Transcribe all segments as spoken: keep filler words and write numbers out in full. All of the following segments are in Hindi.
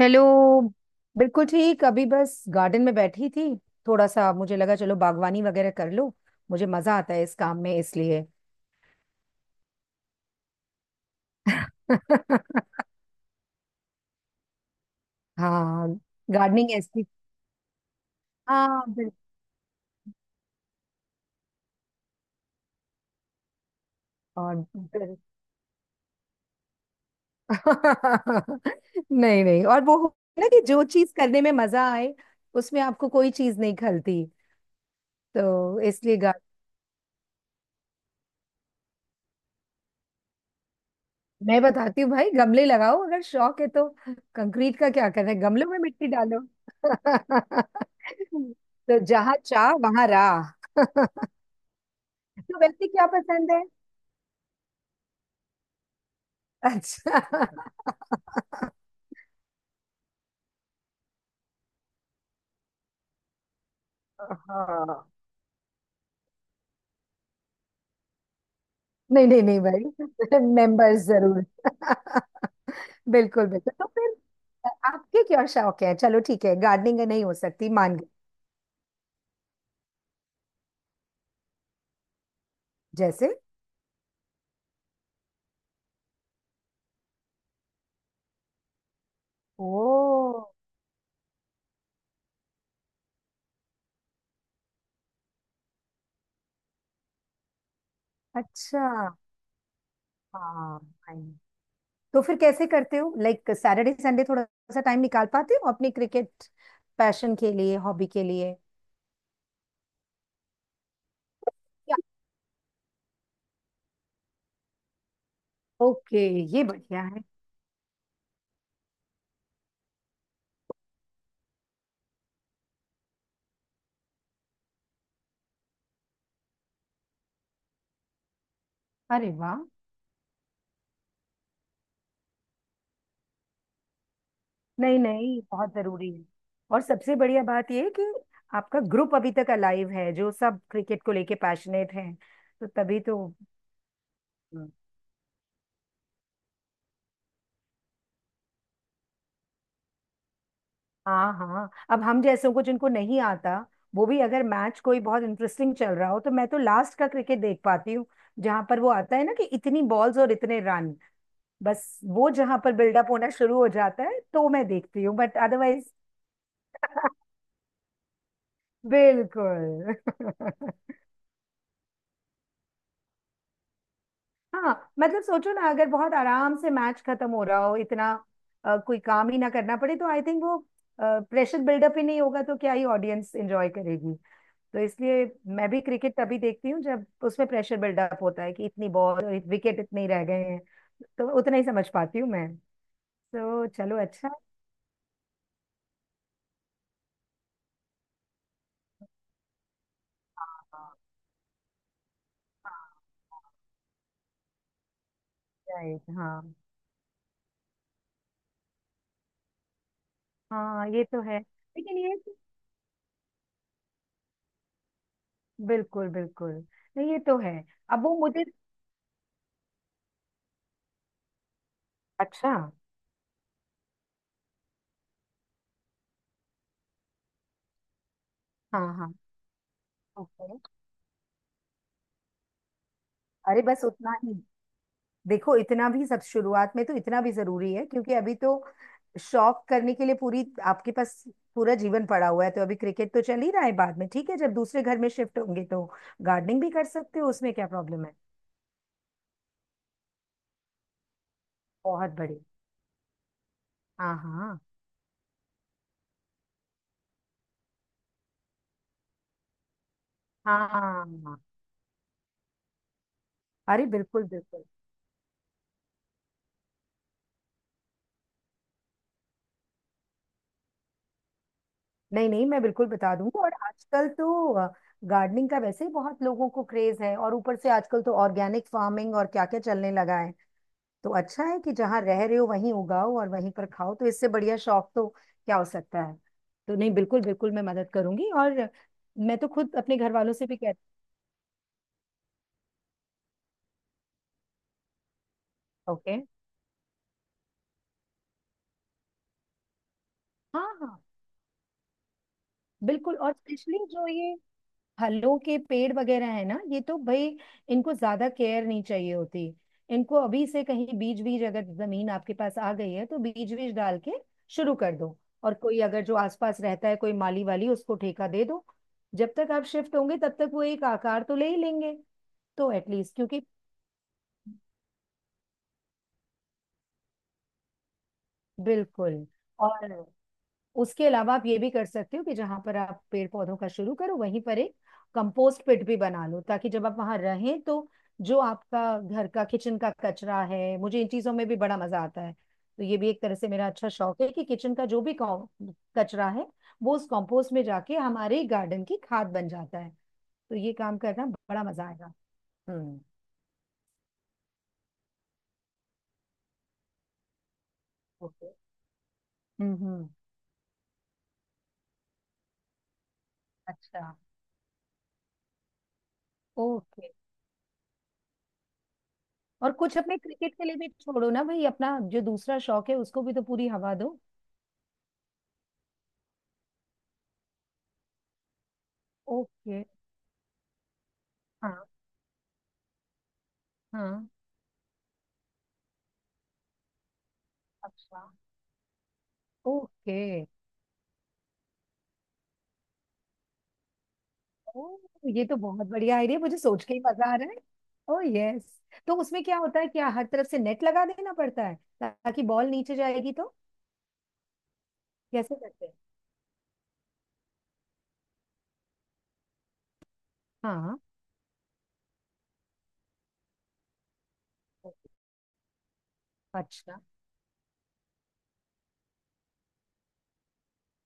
हेलो। बिल्कुल ठीक, अभी बस गार्डन में बैठी थी। थोड़ा सा मुझे लगा चलो बागवानी वगैरह कर लो। मुझे मजा आता है इस काम में इसलिए हाँ, गार्डनिंग ऐसी। हाँ बिल्कुल। और बिल- नहीं नहीं, और वो होता है ना कि जो चीज करने में मजा आए उसमें आपको कोई चीज नहीं खलती। तो इसलिए मैं बताती हूँ भाई, गमले लगाओ अगर शौक है तो। कंक्रीट का क्या करना है, गमलों में मिट्टी डालो। तो जहाँ चाह वहां राह। तो वैसे क्या पसंद है। अच्छा हाँ, नहीं नहीं नहीं भाई मेंबर्स जरूर बिल्कुल बिल्कुल। तो फिर आपके क्या शौक है। चलो ठीक है, गार्डनिंग नहीं हो सकती, मान गए। जैसे? ओ अच्छा। हाँ, तो फिर कैसे करते हो, लाइक सैटरडे संडे थोड़ा सा टाइम निकाल पाते हो अपनी क्रिकेट पैशन के लिए, हॉबी के लिए? या- ओके, ये बढ़िया है। अरे वाह, नहीं नहीं बहुत जरूरी है। और सबसे बढ़िया बात ये है कि आपका ग्रुप अभी तक अलाइव है, जो सब क्रिकेट को लेके पैशनेट हैं, तो तभी तो। हम्म। हाँ हाँ, अब हम जैसों को जिनको नहीं आता, वो भी अगर मैच कोई बहुत इंटरेस्टिंग चल रहा हो तो मैं तो लास्ट का क्रिकेट देख पाती हूँ। जहां पर वो आता है ना कि इतनी बॉल्स और इतने रन, बस वो जहां पर बिल्डअप होना शुरू हो जाता है तो मैं देखती हूँ, बट अदरवाइज। बिल्कुल हाँ मतलब सोचो ना, अगर बहुत आराम से मैच खत्म हो रहा हो, इतना अ, कोई काम ही ना करना पड़े, तो आई थिंक वो प्रेशर बिल्डअप ही नहीं होगा, तो क्या ही ऑडियंस एंजॉय करेगी। तो इसलिए मैं भी क्रिकेट तभी देखती हूँ जब उसमें प्रेशर बिल्डअप होता है कि इतनी बॉल और विकेट इतने ही रह गए हैं। तो उतना ही समझ पाती हूँ मैं। तो चलो अच्छा। राइट, हाँ right, हाँ। हाँ ये तो है, लेकिन ये। बिल्कुल बिल्कुल, नहीं ये तो है। अब वो मुझे। अच्छा। हाँ हाँ। ओके, अरे बस उतना ही। देखो इतना भी, सब शुरुआत में तो इतना भी जरूरी है, क्योंकि अभी तो शौक करने के लिए पूरी आपके पास, पूरा जीवन पड़ा हुआ है। तो अभी क्रिकेट तो चल ही रहा है, बाद में ठीक है, जब दूसरे घर में शिफ्ट होंगे तो गार्डनिंग भी कर सकते हो, उसमें क्या प्रॉब्लम है। बहुत बड़ी। हाँ हाँ। हाँ हाँ। अरे बिल्कुल बिल्कुल। नहीं नहीं मैं बिल्कुल बता दूंगी। और आजकल तो गार्डनिंग का वैसे ही बहुत लोगों को क्रेज है, और ऊपर से आजकल तो ऑर्गेनिक फार्मिंग और क्या क्या चलने लगा है। तो अच्छा है कि जहाँ रह रहे हो वहीं उगाओ और वहीं पर खाओ, तो इससे बढ़िया शौक तो क्या हो सकता है। तो नहीं, बिल्कुल बिल्कुल मैं मदद करूंगी। और मैं तो खुद अपने घर वालों से भी कहती। ओके। हाँ हाँ, बिल्कुल। और स्पेशली जो ये फलों के पेड़ वगैरह है ना, ये तो भाई, इनको ज्यादा केयर नहीं चाहिए होती। इनको अभी से, कहीं बीज बीज अगर जमीन आपके पास आ गई है तो बीज बीज डाल के शुरू कर दो। और कोई अगर जो आसपास रहता है, कोई माली वाली, उसको ठेका दे दो। जब तक आप शिफ्ट होंगे तब तक वो एक आकार तो ले ही लेंगे। तो एटलीस्ट, क्योंकि बिल्कुल। और उसके अलावा आप ये भी कर सकते हो कि जहां पर आप पेड़ पौधों का शुरू करो, वहीं पर एक कंपोस्ट पिट भी बना लो, ताकि जब आप वहां रहें तो जो आपका घर का किचन का कचरा है, मुझे इन चीजों में भी बड़ा मजा आता है। तो ये भी एक तरह से मेरा अच्छा शौक है कि किचन का जो भी कॉम- कचरा है वो उस कंपोस्ट में जाके हमारे गार्डन की खाद बन जाता है। तो ये काम करना बड़ा मजा आएगा। हम्म। ओके। हम्म हम्म। अच्छा। ओके। और कुछ अपने क्रिकेट के लिए भी छोड़ो ना भाई, अपना जो दूसरा शौक है उसको भी तो पूरी हवा दो। ओके। हाँ। हाँ, अच्छा। ओके। ओ, ये तो बहुत बढ़िया आइडिया, मुझे सोच के ही मजा आ रहा है। ओ यस। तो उसमें क्या होता है, क्या हर तरफ से नेट लगा देना पड़ता है ताकि बॉल नीचे जाएगी तो? कैसे करते हैं? हाँ। अच्छा।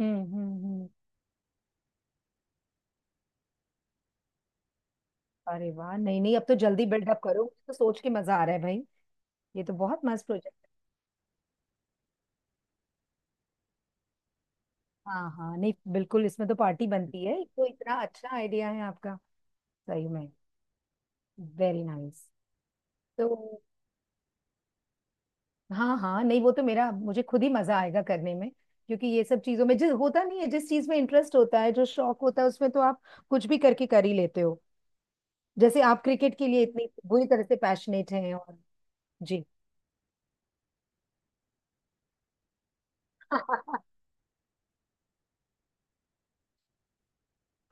हम्म हम्म हम्म। अरे वाह, नहीं नहीं अब तो जल्दी बिल्डअप करो, मुझे तो सोच के मजा आ रहा है भाई। ये तो बहुत मस्त प्रोजेक्ट है। हाँ हाँ, नहीं बिल्कुल, इसमें तो पार्टी बनती है, ये तो इतना अच्छा आइडिया है आपका। सही में। Very nice. तो हाँ हाँ, नहीं वो तो मेरा, मुझे खुद ही मजा आएगा करने में, क्योंकि ये सब चीजों में जिस होता नहीं है, जिस चीज में इंटरेस्ट होता है, जो शौक होता है, उसमें तो आप कुछ भी करके कर ही लेते हो। जैसे आप क्रिकेट के लिए इतनी बुरी तरह से पैशनेट हैं, और जी।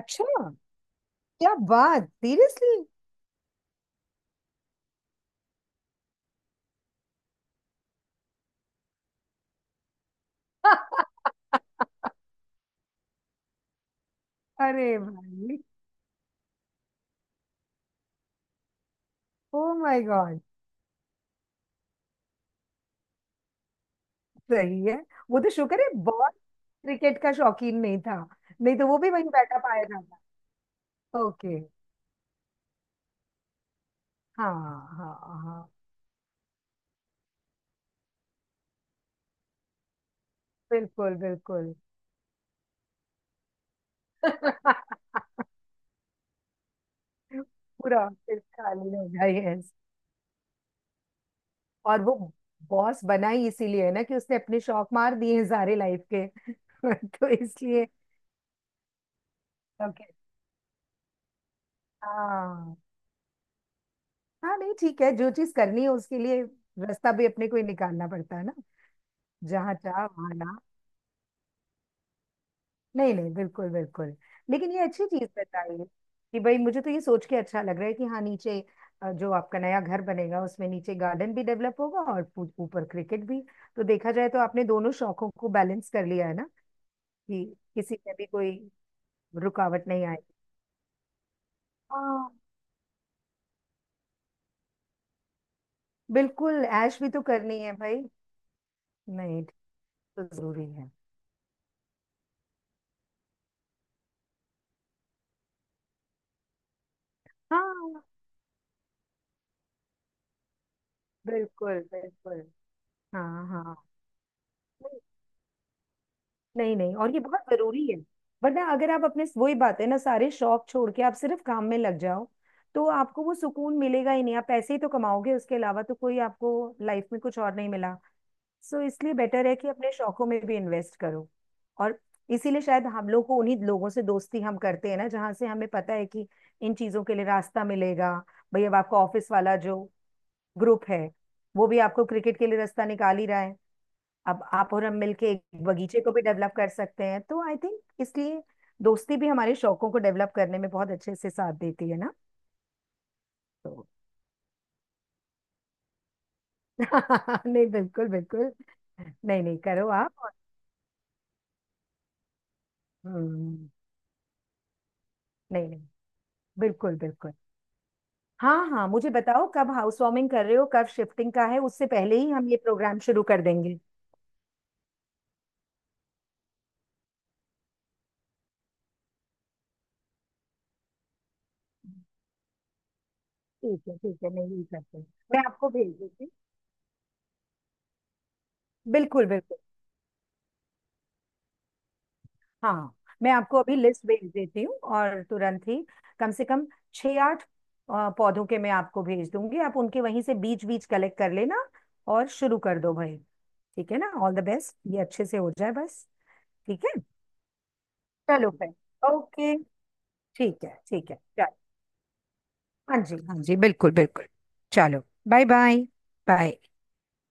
अच्छा, क्या बात, सीरियसली? अरे भाई। Oh my god. सही है। वो तो शुक्र है बहुत, क्रिकेट का शौकीन नहीं था। नहीं तो वो भी वहीं बैठा पाया जाता। ओके। हाँ। हाँ हाँ। बिल्कुल बिल्कुल, पूरा ऑफिस खाली हो गया। यस। और वो बॉस बना ही इसीलिए है ना, कि उसने अपने शौक मार दिए हैं सारे लाइफ के तो इसलिए। ओके। हाँ हाँ, नहीं ठीक है, जो चीज करनी है उसके लिए रास्ता भी अपने को ही निकालना पड़ता है ना। जहाँ चाह वहाँ। नहीं नहीं, बिल्कुल बिल्कुल। लेकिन ये अच्छी चीज बताई कि भाई, मुझे तो ये सोच के अच्छा लग रहा है कि हाँ, नीचे अ, जो आपका नया घर बनेगा उसमें नीचे गार्डन भी डेवलप होगा और पू- ऊपर क्रिकेट भी। तो देखा जाए तो आपने दोनों शौकों को बैलेंस कर लिया है ना कि किसी में भी कोई रुकावट नहीं आएगी। हाँ। बिल्कुल, ऐश भी तो करनी है भाई। नहीं तो जरूरी है। हाँ बिल्कुल बिल्कुल। हाँ हाँ। नहीं नहीं, और ये बहुत जरूरी है। वरना अगर आप अपने, वही बात है ना, सारे शौक छोड़ के आप सिर्फ काम में लग जाओ, तो आपको वो सुकून मिलेगा ही नहीं। आप पैसे ही तो कमाओगे, उसके अलावा तो कोई आपको लाइफ में कुछ और नहीं मिला। सो इसलिए बेटर है कि अपने शौकों में भी इन्वेस्ट करो। और इसीलिए शायद हम लोग को उन्हीं लोगों से दोस्ती हम करते हैं ना जहाँ से हमें पता है कि इन चीजों के लिए रास्ता मिलेगा। भाई अब आपका ऑफिस वाला जो ग्रुप है, वो भी आपको क्रिकेट के लिए रास्ता निकाल ही रहा है। अब आप और हम मिलके एक बगीचे को भी डेवलप कर सकते हैं, तो आई थिंक इसलिए दोस्ती भी हमारे शौकों को डेवलप करने में बहुत अच्छे से साथ देती है ना। तो नहीं बिल्कुल बिल्कुल। नहीं नहीं करो आप और- हम्म। नहीं नहीं, बिल्कुल बिल्कुल। हाँ हाँ, मुझे बताओ कब हाउस वार्मिंग कर रहे हो, कब शिफ्टिंग का है, उससे पहले ही हम ये प्रोग्राम शुरू कर देंगे। ठीक है ठीक है, नहीं यही करते हैं, मैं आपको भेज देती हूँ। बिल्कुल बिल्कुल। हाँ, मैं आपको अभी लिस्ट भेज देती हूँ और तुरंत ही कम से कम छः आठ अ, पौधों के मैं आपको भेज दूंगी, आप उनके वहीं से बीज बीज कलेक्ट कर लेना और शुरू कर दो भाई। ठीक है ना, ऑल द बेस्ट, ये अच्छे से हो जाए बस। ठीक है, चलो भाई। ओके। ठीक है ठीक है चलो। हाँ जी हाँ जी, बिल्कुल बिल्कुल। चलो, बाय बाय। बाय।